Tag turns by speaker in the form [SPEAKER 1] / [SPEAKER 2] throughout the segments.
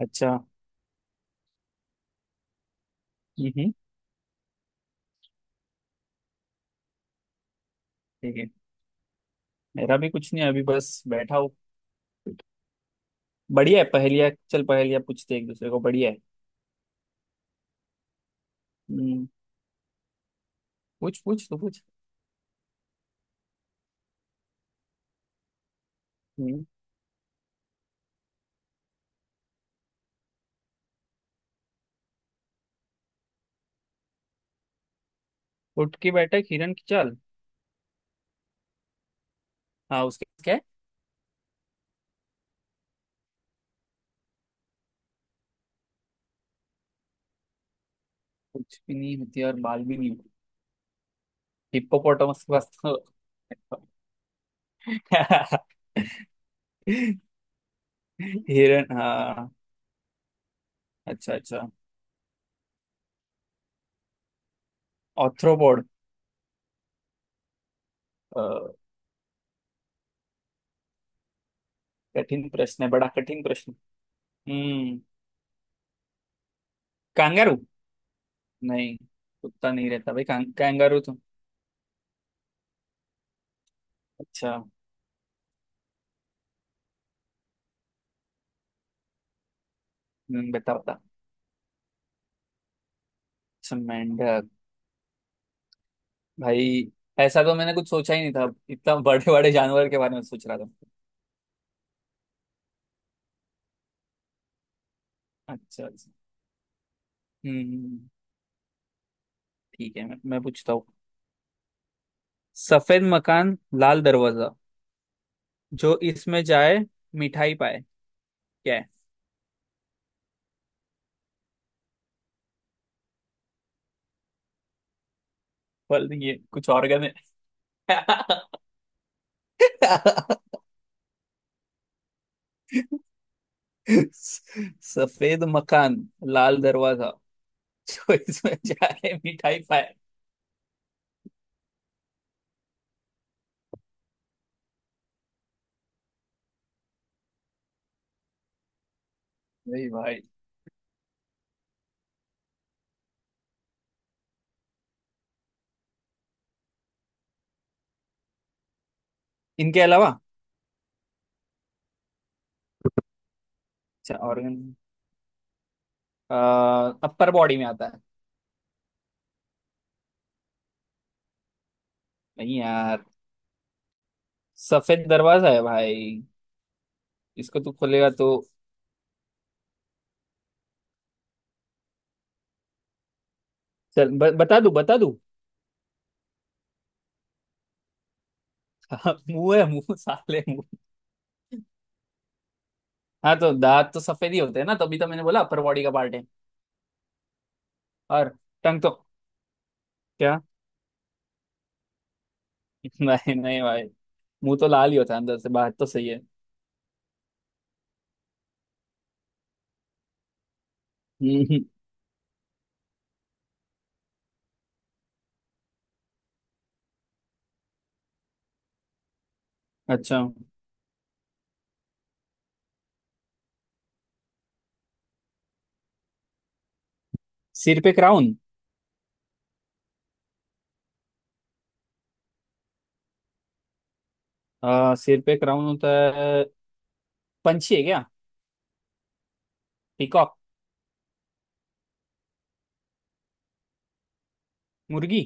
[SPEAKER 1] अच्छा। हम्म। ठीक है। मेरा भी कुछ नहीं है, अभी बस बैठा हूँ। बढ़िया है, पहेलिया चल पहेलिया पूछते एक दूसरे को, बढ़िया है। हम्म। पूछ पूछ तो पूछ। हम्म। उठ के बैठा एक हिरन की चाल। हाँ, उसके क्या है? कुछ भी नहीं होती और बाल भी नहीं होती। हिप्पोपोटामस के पास तो। हिरन। हाँ। अच्छा अच्छा। ऑर्थ्रोपोड। अ, कठिन प्रश्न है, बड़ा कठिन प्रश्न। हम्म। कांगारू। नहीं। कुत्ता नहीं रहता भाई। कांगारू तो। अच्छा। बता बता। अच्छा मेंढक। भाई, ऐसा तो मैंने कुछ सोचा ही नहीं था, इतना बड़े बड़े जानवर के बारे में सोच रहा था। अच्छा अच्छा। हम्म हम्म, हम्म। ठीक है, मैं पूछता हूँ। सफेद मकान, लाल दरवाजा। जो इसमें जाए, मिठाई पाए। क्या है? फल नहीं है, कुछ ऑर्गन है। सफेद मकान, लाल दरवाजा। जो इसमें जाए, मिठाई पाए। नहीं भाई। इनके अलावा। अच्छा। ऑर्गन। अपर बॉडी में आता है। नहीं यार। सफेद दरवाजा है भाई। इसको तू खोलेगा तो। चल, बता दू बता दू। हाँ, मुंह है, मुंह साले मुंह। हाँ, तो दांत तो सफेद ही होते हैं ना, तभी तो मैंने बोला अपर बॉडी का पार्ट है। और टंग तो? क्या? नहीं नहीं भाई। मुंह तो लाल ही होता है अंदर से, बाहर तो सही है। हम्म, अच्छा। सिर पे क्राउन। सिर पे क्राउन होता है। पंछी है क्या? पीकॉक। मुर्गी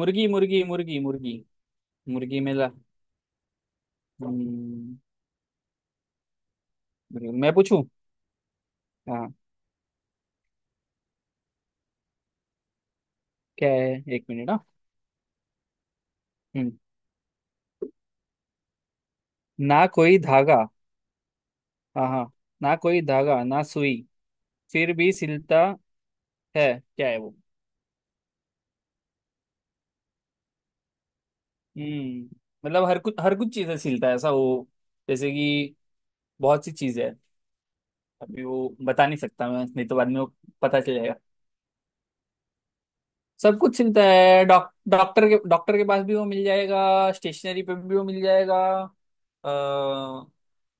[SPEAKER 1] मुर्गी मुर्गी मुर्गी मुर्गी। मुर्गी मेला। हम्म, मैं पूछूं? हाँ। क्या है, एक मिनट, हाँ। हम्म, ना कोई धागा। हाँ हाँ। ना कोई धागा ना सुई, फिर भी सिलता है। क्या है वो? मतलब हर कुछ चीजें सिलता है ऐसा वो। जैसे कि बहुत सी चीजें हैं। अभी वो बता नहीं सकता मैं, नहीं तो बाद में वो पता चल जाएगा। सब कुछ सिलता है। डॉक्टर के पास भी वो मिल जाएगा, स्टेशनरी पे भी वो मिल जाएगा, अ,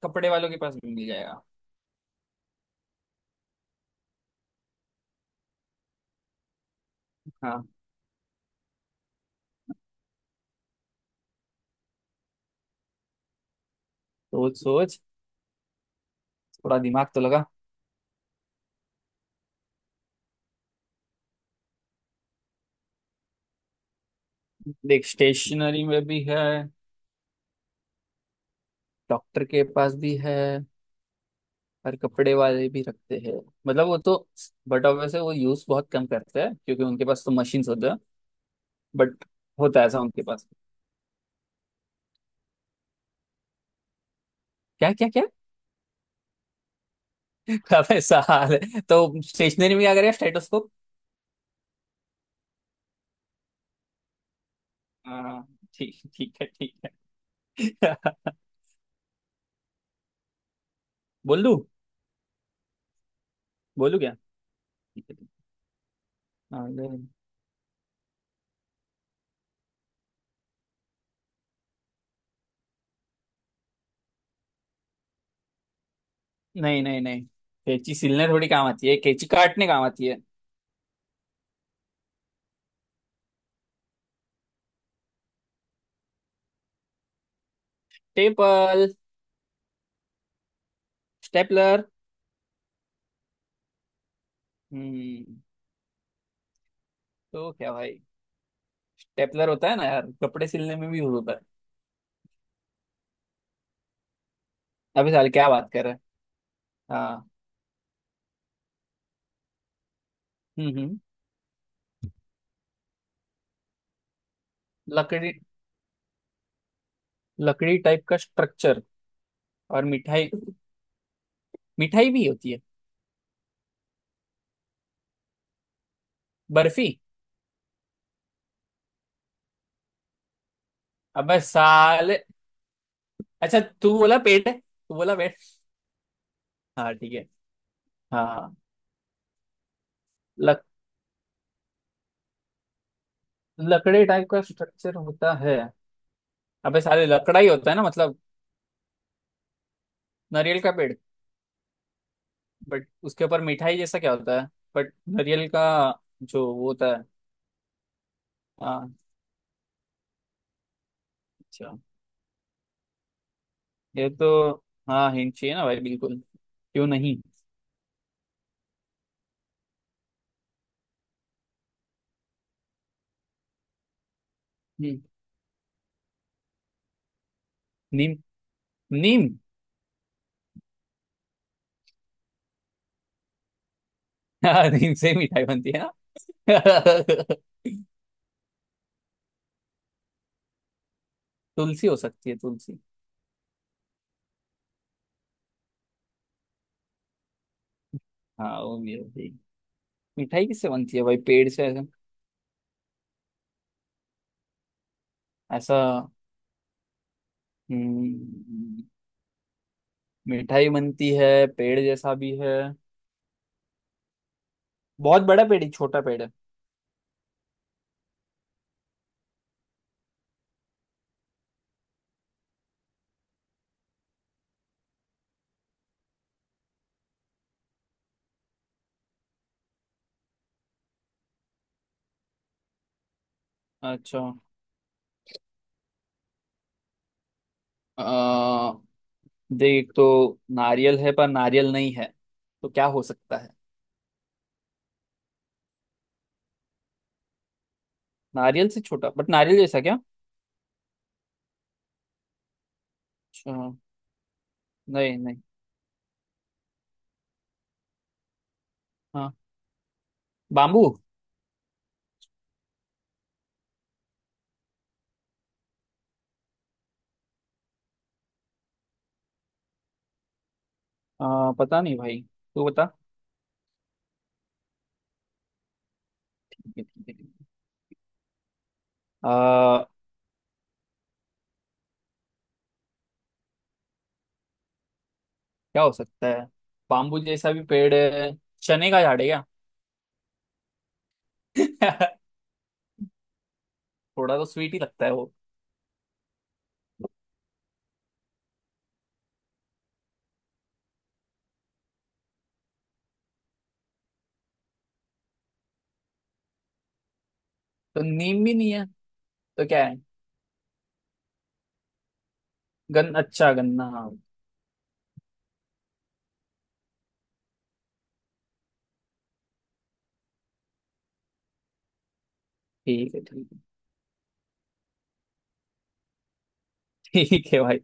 [SPEAKER 1] कपड़े वालों के पास भी मिल जाएगा। हाँ। सोच सोच, थोड़ा दिमाग तो लगा। देख, स्टेशनरी में भी है, डॉक्टर के पास भी है, और कपड़े वाले भी रखते हैं। मतलब वो तो। बट वैसे वो यूज बहुत कम करते हैं क्योंकि उनके पास तो मशीन्स होते हैं। बट होता है ऐसा उनके पास। क्या क्या क्या? अब ऐसा हाल है तो स्टेशनरी में क्या करेगा स्टेटोस्कोप। हाँ, ठीक ठीक है, ठीक है। बोल दू? बोलू क्या? ठीक है, ठीक है। अरे, नहीं नहीं नहीं। कैंची सिलने थोड़ी काम आती है, कैंची काटने काम आती है। Tepal stapler. हम्म। तो क्या भाई, स्टेपलर होता है ना यार, कपड़े सिलने में भी यूज होता है। अभी साल क्या बात कर रहे हैं। हाँ। हम्म। लकड़ी। लकड़ी टाइप का स्ट्रक्चर। और मिठाई। मिठाई भी होती है। बर्फी। अबे साले। अच्छा तू बोला पेट है, तू बोला पेट। हाँ ठीक है। हाँ। लक, लकड़ी टाइप का स्ट्रक्चर होता है। अबे साले, लकड़ा ही होता है ना मतलब। नारियल का पेड़। बट उसके ऊपर मिठाई जैसा क्या होता है? बट नारियल का जो वो होता है। हाँ। अच्छा। ये तो। हाँ, हिंट चाहिए ना भाई, बिल्कुल। क्यों नहीं? हम्म। नीम। नीम। हाँ, नीम से मिठाई बनती है। तुलसी हो सकती है, तुलसी। हाँ, वो भी होती है। मिठाई किससे बनती है भाई, पेड़ से ऐसा? ऐसा। हम्म, मिठाई बनती है, पेड़ जैसा भी है। बहुत बड़ा पेड़ है, छोटा पेड़ है? अच्छा। आ, देख तो। नारियल है पर नारियल नहीं है, तो क्या हो सकता है? नारियल से छोटा, बट नारियल जैसा क्या? अच्छा, नहीं नहीं। हाँ। बाम्बू। पता नहीं भाई, तू बता। आ, क्या हो सकता है? बाम्बू जैसा भी पेड़ है। चने का झाड़ है क्या? थोड़ा तो स्वीट ही लगता है वो। तो नीम भी नहीं है, तो क्या है? गन अच्छा गन्ना। ठीक है। ठीक है। ठीक है भाई।